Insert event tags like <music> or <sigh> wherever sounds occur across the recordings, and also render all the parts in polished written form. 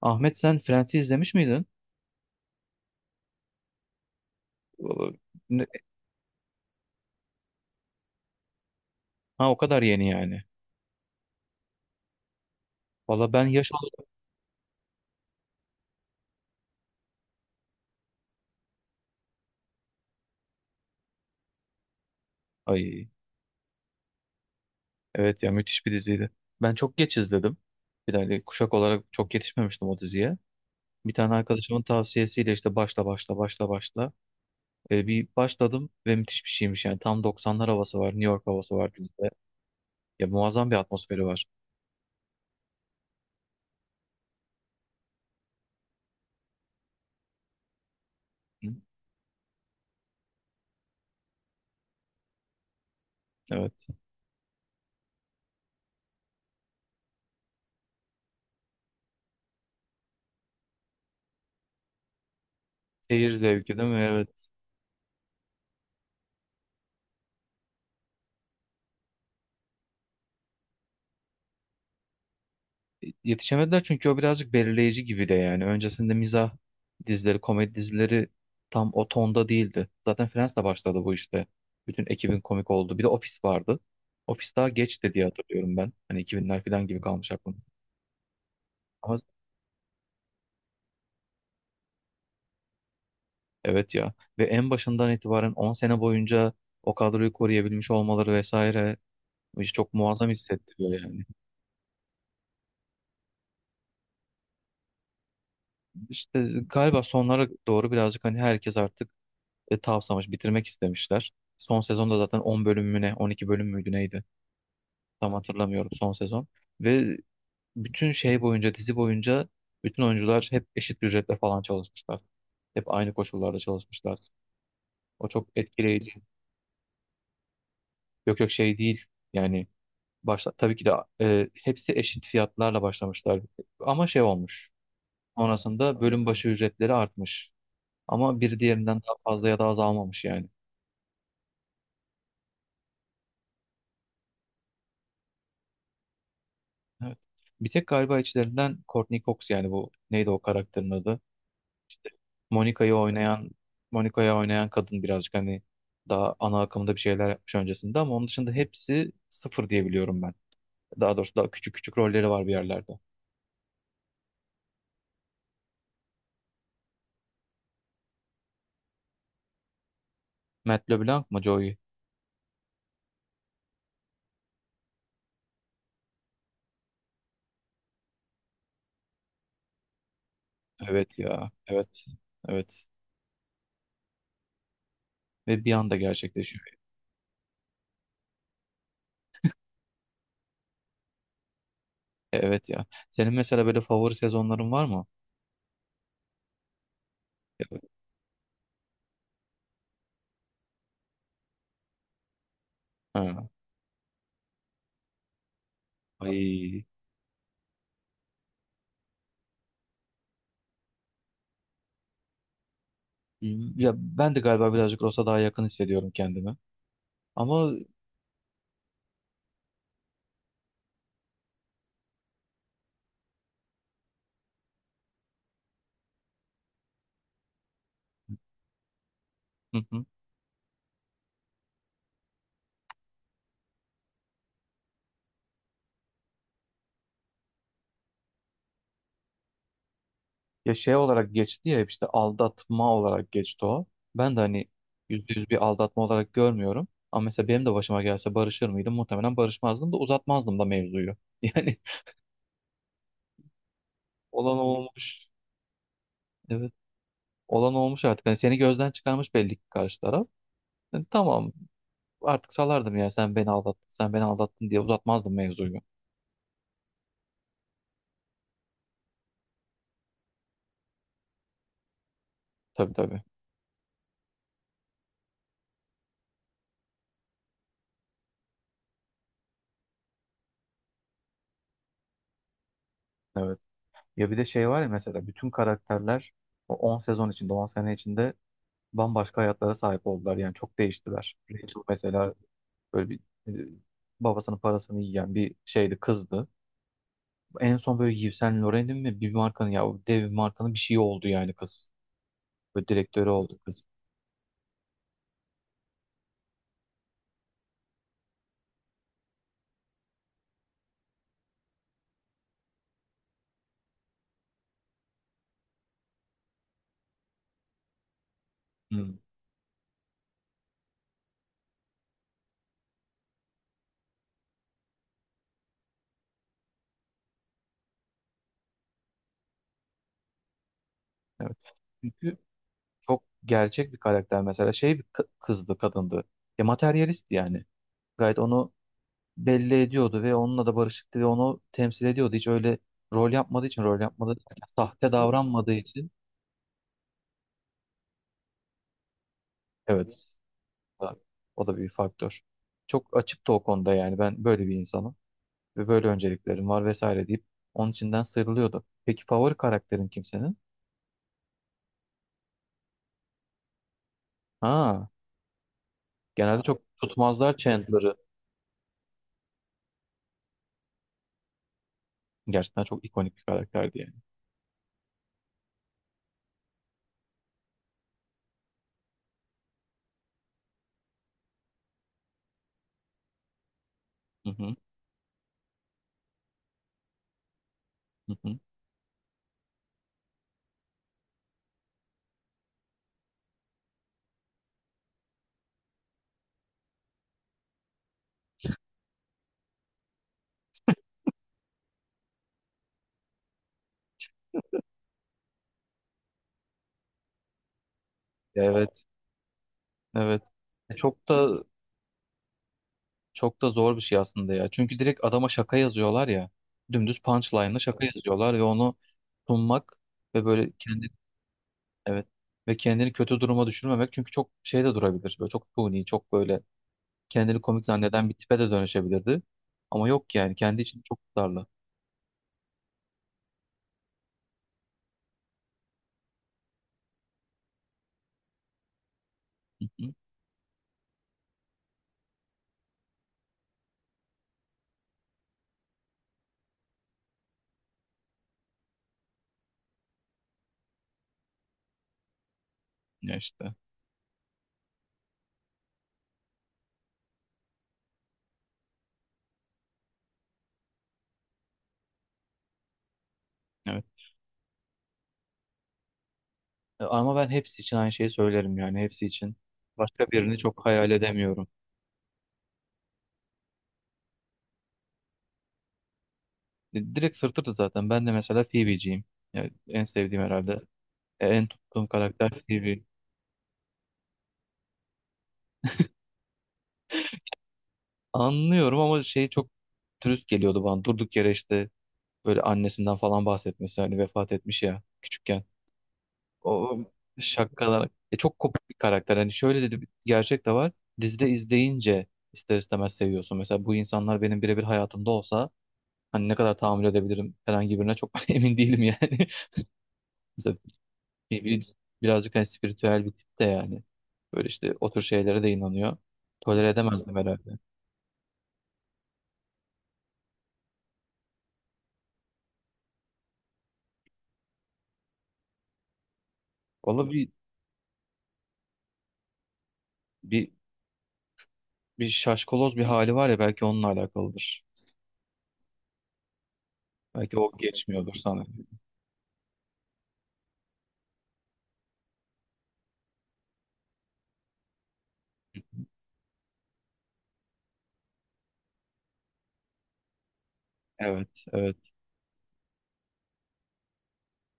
Ahmet sen Friends'i izlemiş miydin? Valla ne- Ha, o kadar yeni yani. Valla ben yaş olarak... Ay, evet ya, müthiş bir diziydi. Ben çok geç izledim. Bir tane kuşak olarak çok yetişmemiştim o diziye. Bir tane arkadaşımın tavsiyesiyle işte başla başla başla başla. Bir başladım ve müthiş bir şeymiş yani. Tam 90'lar havası var, New York havası var dizide. Ya, muazzam bir atmosferi var. Hı. Evet. Seyir zevki değil mi? Evet. Yetişemediler, çünkü o birazcık belirleyici gibi de yani. Öncesinde mizah dizileri, komedi dizileri tam o tonda değildi. Zaten Friends'le başladı bu işte. Bütün ekibin komik oldu. Bir de Office vardı. Office daha geçti diye hatırlıyorum ben. Hani 2000'ler falan gibi kalmış aklım. Ama evet ya. Ve en başından itibaren 10 sene boyunca o kadroyu koruyabilmiş olmaları vesaire işte çok muazzam hissettiriyor yani. İşte galiba sonlara doğru birazcık hani herkes artık tavsamış, bitirmek istemişler. Son sezonda zaten 10 bölüm mü ne, 12 bölüm müydü neydi? Tam hatırlamıyorum son sezon. Ve bütün şey boyunca, dizi boyunca bütün oyuncular hep eşit bir ücretle falan çalışmışlar. Hep aynı koşullarda çalışmışlar. O çok etkileyici. Yok yok, şey değil. Yani başta tabii ki de hepsi eşit fiyatlarla başlamışlar. Ama şey olmuş. Sonrasında bölüm başı ücretleri artmış. Ama bir diğerinden daha fazla ya da azalmamış yani. Evet. Bir tek galiba içlerinden Courtney Cox yani bu neydi o karakterin adı? İşte Monica'yı oynayan Monica'yı oynayan kadın birazcık hani daha ana akımda bir şeyler yapmış öncesinde, ama onun dışında hepsi sıfır diye biliyorum ben. Daha doğrusu daha küçük küçük rolleri var bir yerlerde. Matt LeBlanc mı Joey? Evet ya. Evet. Evet. Ve bir anda gerçekleşiyor. Evet ya. Senin mesela böyle favori sezonların var mı? Ya- Ha. Ay. Ya ben de galiba birazcık Ross'a daha yakın hissediyorum kendimi. Ama Hı hı. Ya, şey olarak geçti ya, işte aldatma olarak geçti o. Ben de hani yüzde yüz bir aldatma olarak görmüyorum. Ama mesela benim de başıma gelse barışır mıydım? Muhtemelen barışmazdım da uzatmazdım da mevzuyu. <laughs> Yani olan olmuş. Evet. Olan olmuş artık. Hani seni gözden çıkarmış belli ki karşı taraf. Yani tamam, artık salardım ya, sen beni aldattın, sen beni aldattın diye uzatmazdım mevzuyu. Tabii tabii. Evet. Ya bir de şey var ya, mesela bütün karakterler o 10 sezon içinde, 10 sene içinde bambaşka hayatlara sahip oldular. Yani çok değiştiler. Rachel mesela böyle bir e, babasının parasını yiyen bir şeydi, kızdı. En son böyle Yves Saint Laurent'in mi, bir markanın, ya o dev bir markanın bir şeyi oldu yani kız. Böyle direktörü oldu kız. Hmm. Evet. Çünkü çok gerçek bir karakter mesela, şey bir kı- kızdı, kadındı. Ya materyalist yani. Gayet onu belli ediyordu ve onunla da barışıktı ve onu temsil ediyordu. Hiç öyle rol yapmadığı için, rol yapmadığı derken sahte davranmadığı için. Evet, o da o da bir faktör. Çok açıktı o konuda yani, ben böyle bir insanım ve böyle önceliklerim var vesaire deyip onun içinden sıyrılıyordu. Peki favori karakterin kimsenin? Ha, genelde çok tutmazlar Chandler'ı. Gerçekten çok ikonik bir karakterdi yani. Hı hı. Hı hı. Evet, evet. Çok da çok da zor bir şey aslında ya. Çünkü direkt adama şaka yazıyorlar ya. Dümdüz punchline'la şaka yazıyorlar ve onu sunmak ve böyle kendi. Evet, ve kendini kötü duruma düşürmemek, çünkü çok şey de durabilir. Böyle çok suni, çok böyle kendini komik zanneden bir tipe de dönüşebilirdi. Ama yok yani, kendi için çok tutarlı. Hı hı. Ya işte. Evet. Ama ben hepsi için aynı şeyi söylerim yani, hepsi için. Başka birini çok hayal edemiyorum. Direkt sırtırdı zaten. Ben de mesela Phoebe'ciyim. Yani en sevdiğim herhalde. En tuttuğum karakter Phoebe. Anlıyorum ama şey, çok dürüst geliyordu bana. Durduk yere işte böyle annesinden falan bahsetmesi, hani vefat etmiş ya küçükken. O şakalar. Çok kopuk bir karakter. Hani şöyle de bir gerçek de var. Dizide izleyince ister istemez seviyorsun. Mesela bu insanlar benim birebir hayatımda olsa hani ne kadar tahammül edebilirim herhangi birine çok <laughs> emin değilim yani. <laughs> Mesela bir, bir- birazcık hani spiritüel bir tip de yani. Böyle işte o tür şeylere de inanıyor. Tolere edemezdim herhalde. Valla bir, bir şaşkaloz bir hali var ya, belki onunla alakalıdır. Belki o geçmiyordur sana. Evet, evet.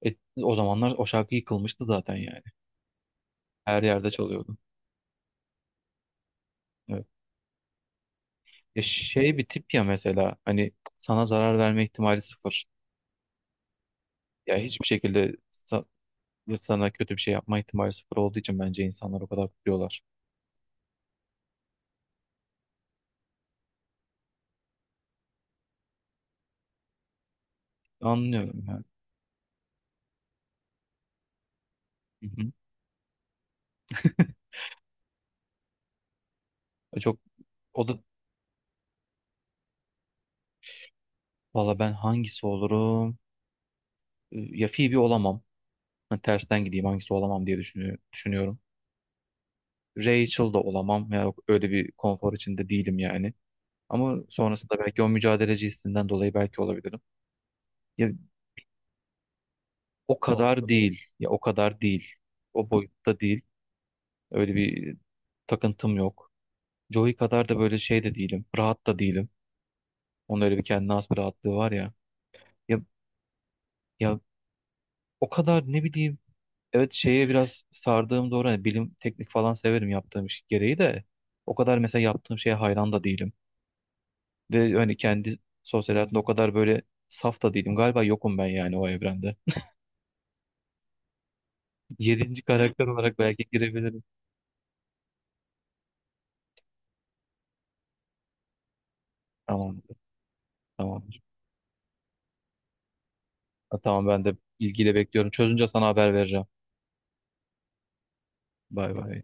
E, O zamanlar o şarkı yıkılmıştı zaten yani. Her yerde çalıyordu. Evet. Ya, şey bir tip ya, mesela hani sana zarar verme ihtimali sıfır. Ya hiçbir şekilde sa- ya sana kötü bir şey yapma ihtimali sıfır olduğu için bence insanlar o kadar kutluyorlar. Anlıyorum yani. Hı hı. Ya çok o da, valla ben hangisi olurum? Ya Phoebe olamam. Ha, tersten gideyim, hangisi olamam diye düşünüyorum. Rachel da olamam. Ya öyle bir konfor içinde değilim yani. Ama sonrasında belki o mücadeleci hissinden dolayı belki olabilirim. Ya, o kadar Anladım değil. Ya o kadar değil. O boyutta değil. Öyle bir takıntım yok. Joey kadar da böyle şey de değilim. Rahat da değilim. Onun öyle bir kendine has bir rahatlığı var ya. Ya, ya o kadar ne bileyim. Evet, şeye biraz sardığım doğru. Hani bilim, teknik falan severim, yaptığım iş gereği de. O kadar mesela yaptığım şeye hayran da değilim. Ve hani kendi sosyal hayatımda o kadar böyle saf da değilim. Galiba yokum ben yani o evrende. Yedinci karakter olarak belki girebilirim. Tamam. Tamam. Ha, tamam, ben de ilgiyle bekliyorum. Çözünce sana haber vereceğim. Bay bay.